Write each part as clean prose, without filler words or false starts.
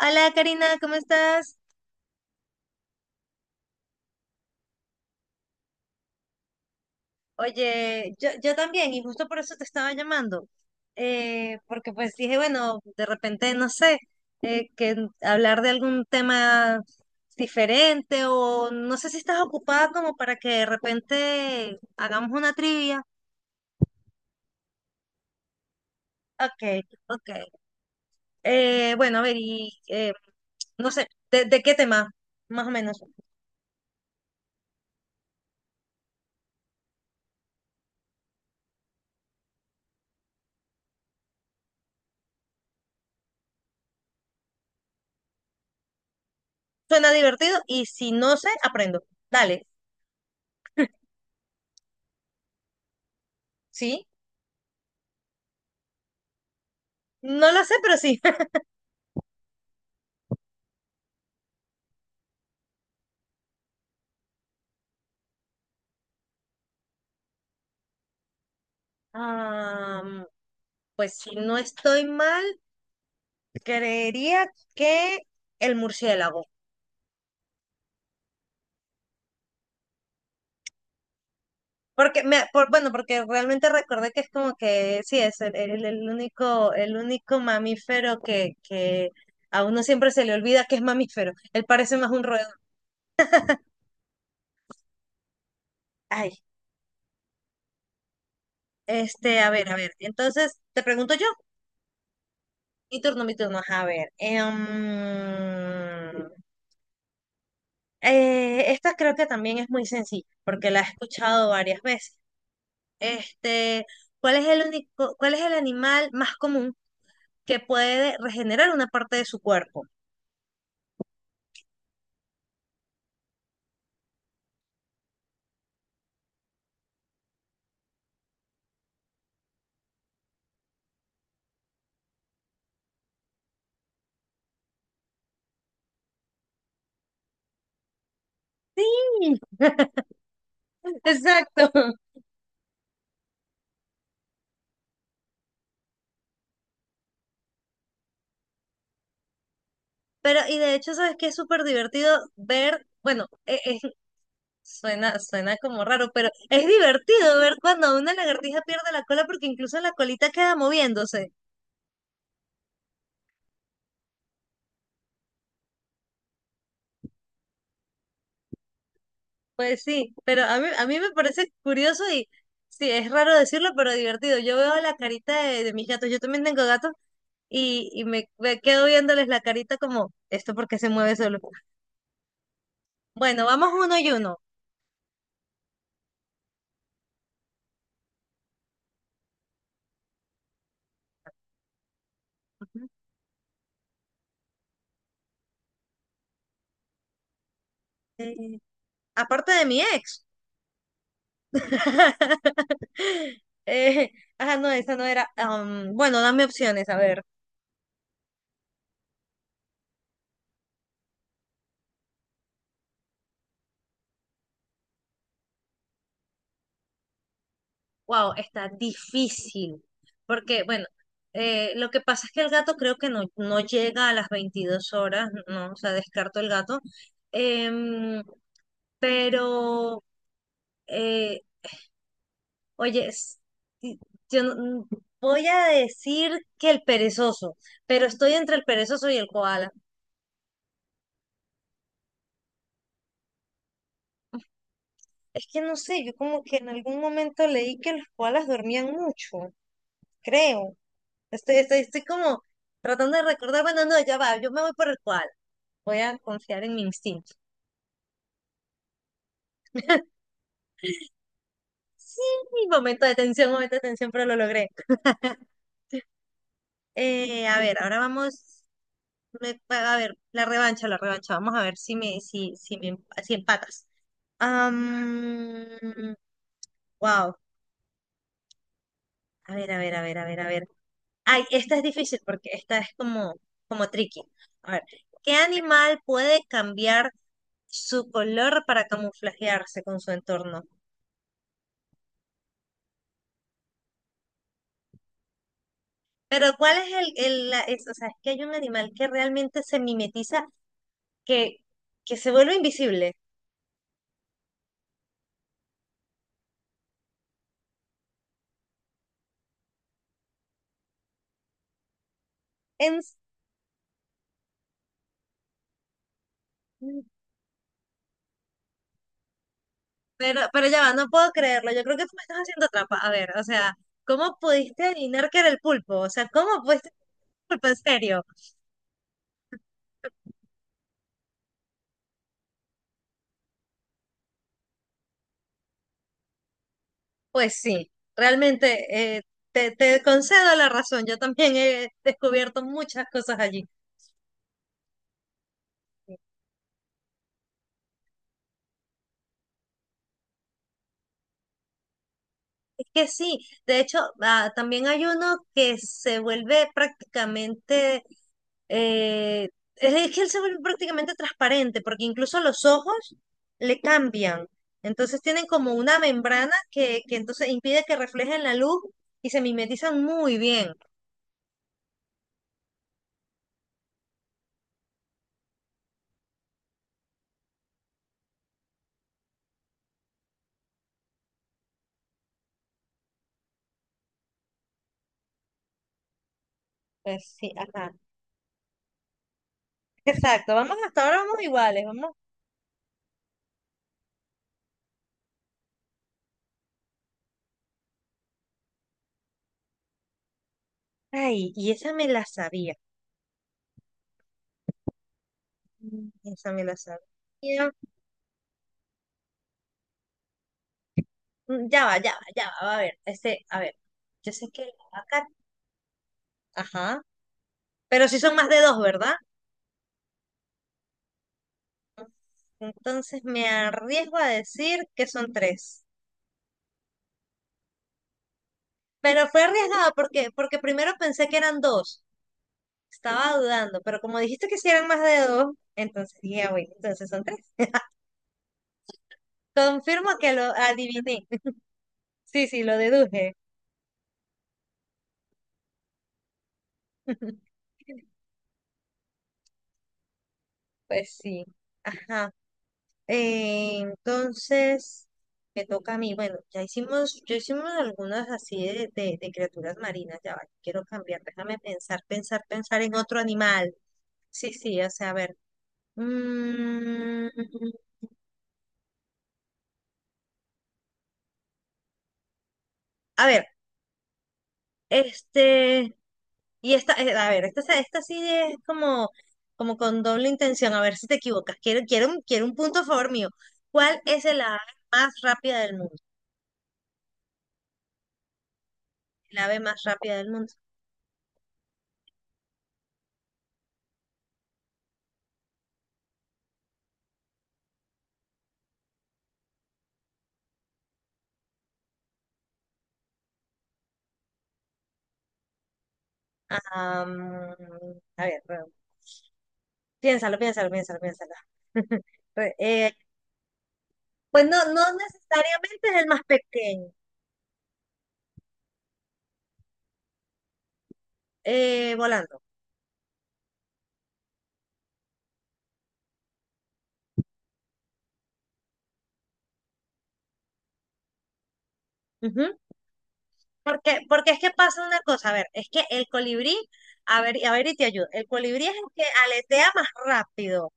Hola Karina, ¿cómo estás? Oye, yo también, y justo por eso te estaba llamando, porque pues dije, bueno, de repente, no sé, hablar de algún tema diferente o no sé si estás ocupada como para que de repente hagamos una trivia. Ok, ok. Bueno, a ver, y no sé, de qué tema? Más o menos. Suena divertido y si no sé, aprendo. Dale, ¿sí? No lo sé, pero sí. Ah, pues si no estoy mal, creería que el murciélago. Porque bueno, porque realmente recordé que es como que sí, es el único mamífero que a uno siempre se le olvida que es mamífero. Él parece más un roedor. Ay, este, a ver, a ver. Entonces, te pregunto yo, mi turno, mi turno. Ajá, a ver. Esta creo que también es muy sencilla, porque la he escuchado varias veces. Este, ¿cuál es el único, cuál es el animal más común que puede regenerar una parte de su cuerpo? Sí, exacto. Pero, y de hecho, ¿sabes qué? Es súper divertido ver, bueno, suena como raro, pero es divertido ver cuando una lagartija pierde la cola porque incluso la colita queda moviéndose. Pues sí, pero a mí me parece curioso y sí, es raro decirlo, pero divertido. Yo veo la carita de mis gatos, yo también tengo gatos y me quedo viéndoles la carita como, ¿esto por qué se mueve solo? Bueno, vamos uno y uno. Ujú. Eh, Aparte de mi ex. Eh, ajá, no, esa no era. Bueno, dame opciones, a ver. Wow, está difícil. Porque, bueno, lo que pasa es que el gato creo que no, no llega a las 22 horas, no, o sea, descarto el gato. Em, pero, eh, oye, es- y- yo no- mm, voy a decir que el perezoso, pero estoy entre el perezoso y el koala. Es que no sé, yo como que en algún momento leí que los koalas dormían mucho, creo. Estoy como tratando de recordar, bueno, no, ya va, yo me voy por el koala. Voy a confiar en mi instinto. Momento de tensión, momento de tensión, pero lo logré. A ver, ahora vamos, a ver, la revancha, la revancha. Vamos a ver si me, si empatas. Am, Wow. A ver, a ver, a ver, a ver, a ver. Ay, esta es difícil porque esta es como, como tricky. A ver, ¿qué animal puede cambiar su color para camuflajearse con su entorno? Pero ¿cuál es o sea, es que hay un animal que realmente se mimetiza, que, que se vuelve invisible. En- pero ya va, no puedo creerlo. Yo creo que tú me estás haciendo trampa. A ver, o sea, ¿cómo pudiste adivinar que era el pulpo? O sea, ¿cómo pudiste adivinar el pulpo en serio? Pues sí, realmente eh, te concedo la razón. Yo también he descubierto muchas cosas allí. Es que sí, de hecho, ah, también hay uno que se vuelve prácticamente, eh, es que él se vuelve prácticamente transparente, porque incluso los ojos le cambian. Entonces tienen como una membrana que entonces impide que reflejen la luz y se mimetizan muy bien. Pues sí, ajá. Exacto, vamos hasta ahora vamos iguales, vamos. Ay, y esa me la sabía. Mm, esa me la sabía. Mm, ya va, ya va, ya va. A ver, este, a ver. Yo sé que la vaca. Ajá. Pero si son más de dos, ¿verdad? Entonces me arriesgo a decir que son tres. Pero fue arriesgada porque, porque primero pensé que eran dos. Estaba dudando, pero como dijiste que si eran más de dos, entonces dije, "Ah, bueno, entonces son tres. Confirmo que lo adiviné." Sí, sí, lo deduje. Pues sí. Ajá. Entonces, me toca a mí. Bueno, ya hicimos, yo hicimos algunas así de criaturas marinas. Ya va, quiero cambiar. Déjame pensar en otro animal. Sí, sí, o sea, a ver. Mm, a ver, este, y esta, a ver, esta, se- esta sí es como, como con doble intención. A ver si te equivocas. Quiero un punto a favor mío. ¿Cuál es el ave más rápida del mundo? El ave más rápida del mundo. Ah, mm, a ver. Piénsalo, piénsalo, piénsalo, piénsalo. Re- eh, pues no, no necesariamente es el más pequeño, volando. Ujú. Porque, porque es que pasa una cosa, a ver, es que el colibrí, a ver y te ayudo, el colibrí es el que aletea más rápido,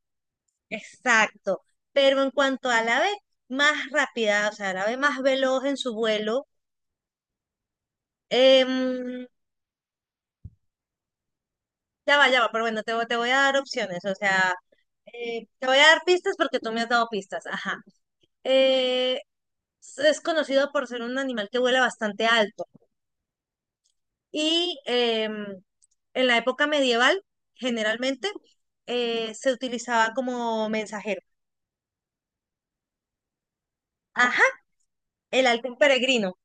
exacto, pero en cuanto al ave más rápida, o sea, el ave más veloz en su vuelo, em, ya va, pero bueno, te voy a dar opciones, o sea, te voy a dar pistas porque tú me has dado pistas, ajá. Eh, es conocido por ser un animal que vuela bastante alto. Y en la época medieval, generalmente, se utilizaba como mensajero. Ajá, el halcón peregrino.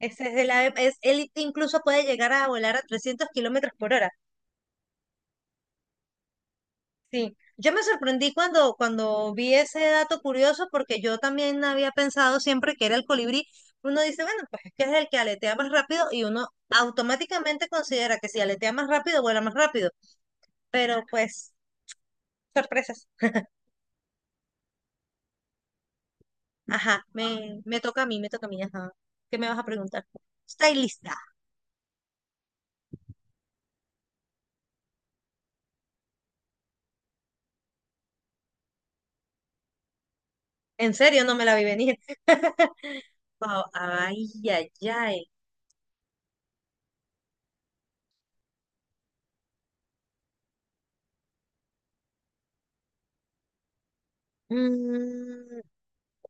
Ese es el ave- Es, él incluso puede llegar a volar a 300 kilómetros por hora. Sí, yo me sorprendí cuando vi ese dato curioso porque yo también había pensado siempre que era el colibrí. Uno dice, bueno, pues es que es el que aletea más rápido y uno automáticamente considera que si aletea más rápido, vuela más rápido. Pero pues, sorpresas. Ajá, me toca a mí, me toca a mí, ajá. ¿Qué me vas a preguntar? ¿Estáis lista? En serio, no me la vi venir. Wow, ay, ay, ay. Mm,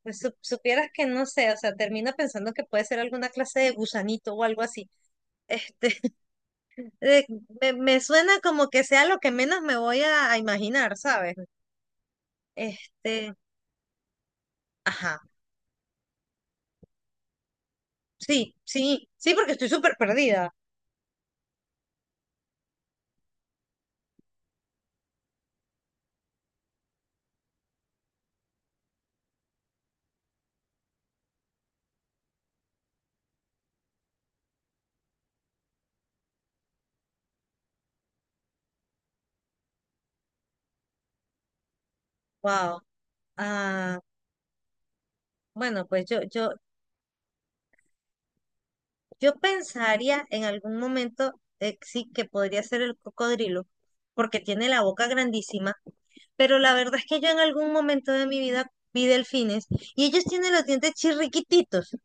pues supieras que no sé, o sea, termina pensando que puede ser alguna clase de gusanito o algo así. Este, eh, me suena como que sea lo que menos me voy a imaginar, ¿sabes? Este, ajá, sí, sí, sí, porque estoy súper perdida. Wow. Ah, bueno, pues yo pensaría en algún momento, sí, que podría ser el cocodrilo, porque tiene la boca grandísima, pero la verdad es que yo en algún momento de mi vida vi delfines y ellos tienen los dientes chirriquititos.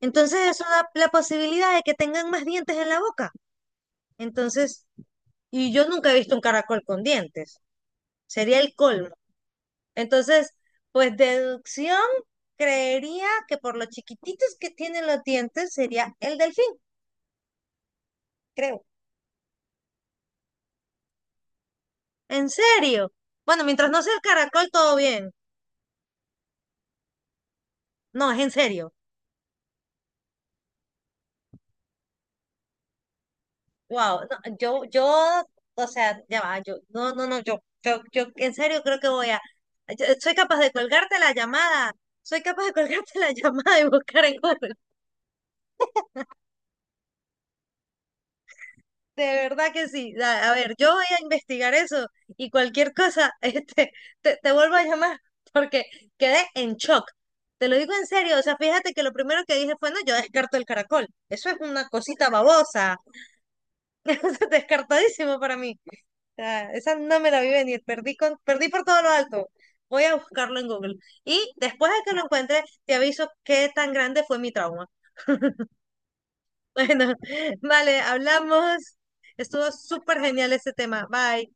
Entonces eso da la posibilidad de que tengan más dientes en la boca. Entonces, y yo nunca he visto un caracol con dientes. Sería el colmo. Entonces, pues deducción, creería que por lo chiquititos que tienen los dientes sería el delfín, creo. ¿En serio? Bueno, mientras no sea el caracol, todo bien. No, es en serio. Wow. No, yo, o sea, ya va, yo, no, no, no, yo, en serio creo que voy a, soy capaz de colgarte la llamada, soy capaz de colgarte la llamada y buscar en Google. De verdad que sí. A ver, yo voy a investigar eso y cualquier cosa, este, te vuelvo a llamar porque quedé en shock. Te lo digo en serio, o sea, fíjate que lo primero que dije fue, no, yo descarto el caracol. Eso es una cosita babosa. Descartadísimo para mí. O sea, esa no me la vi venir, perdí, con, perdí por todo lo alto. Voy a buscarlo en Google. Y después de que lo encuentre, te aviso qué tan grande fue mi trauma. Bueno, vale, hablamos. Estuvo súper genial este tema. Bye.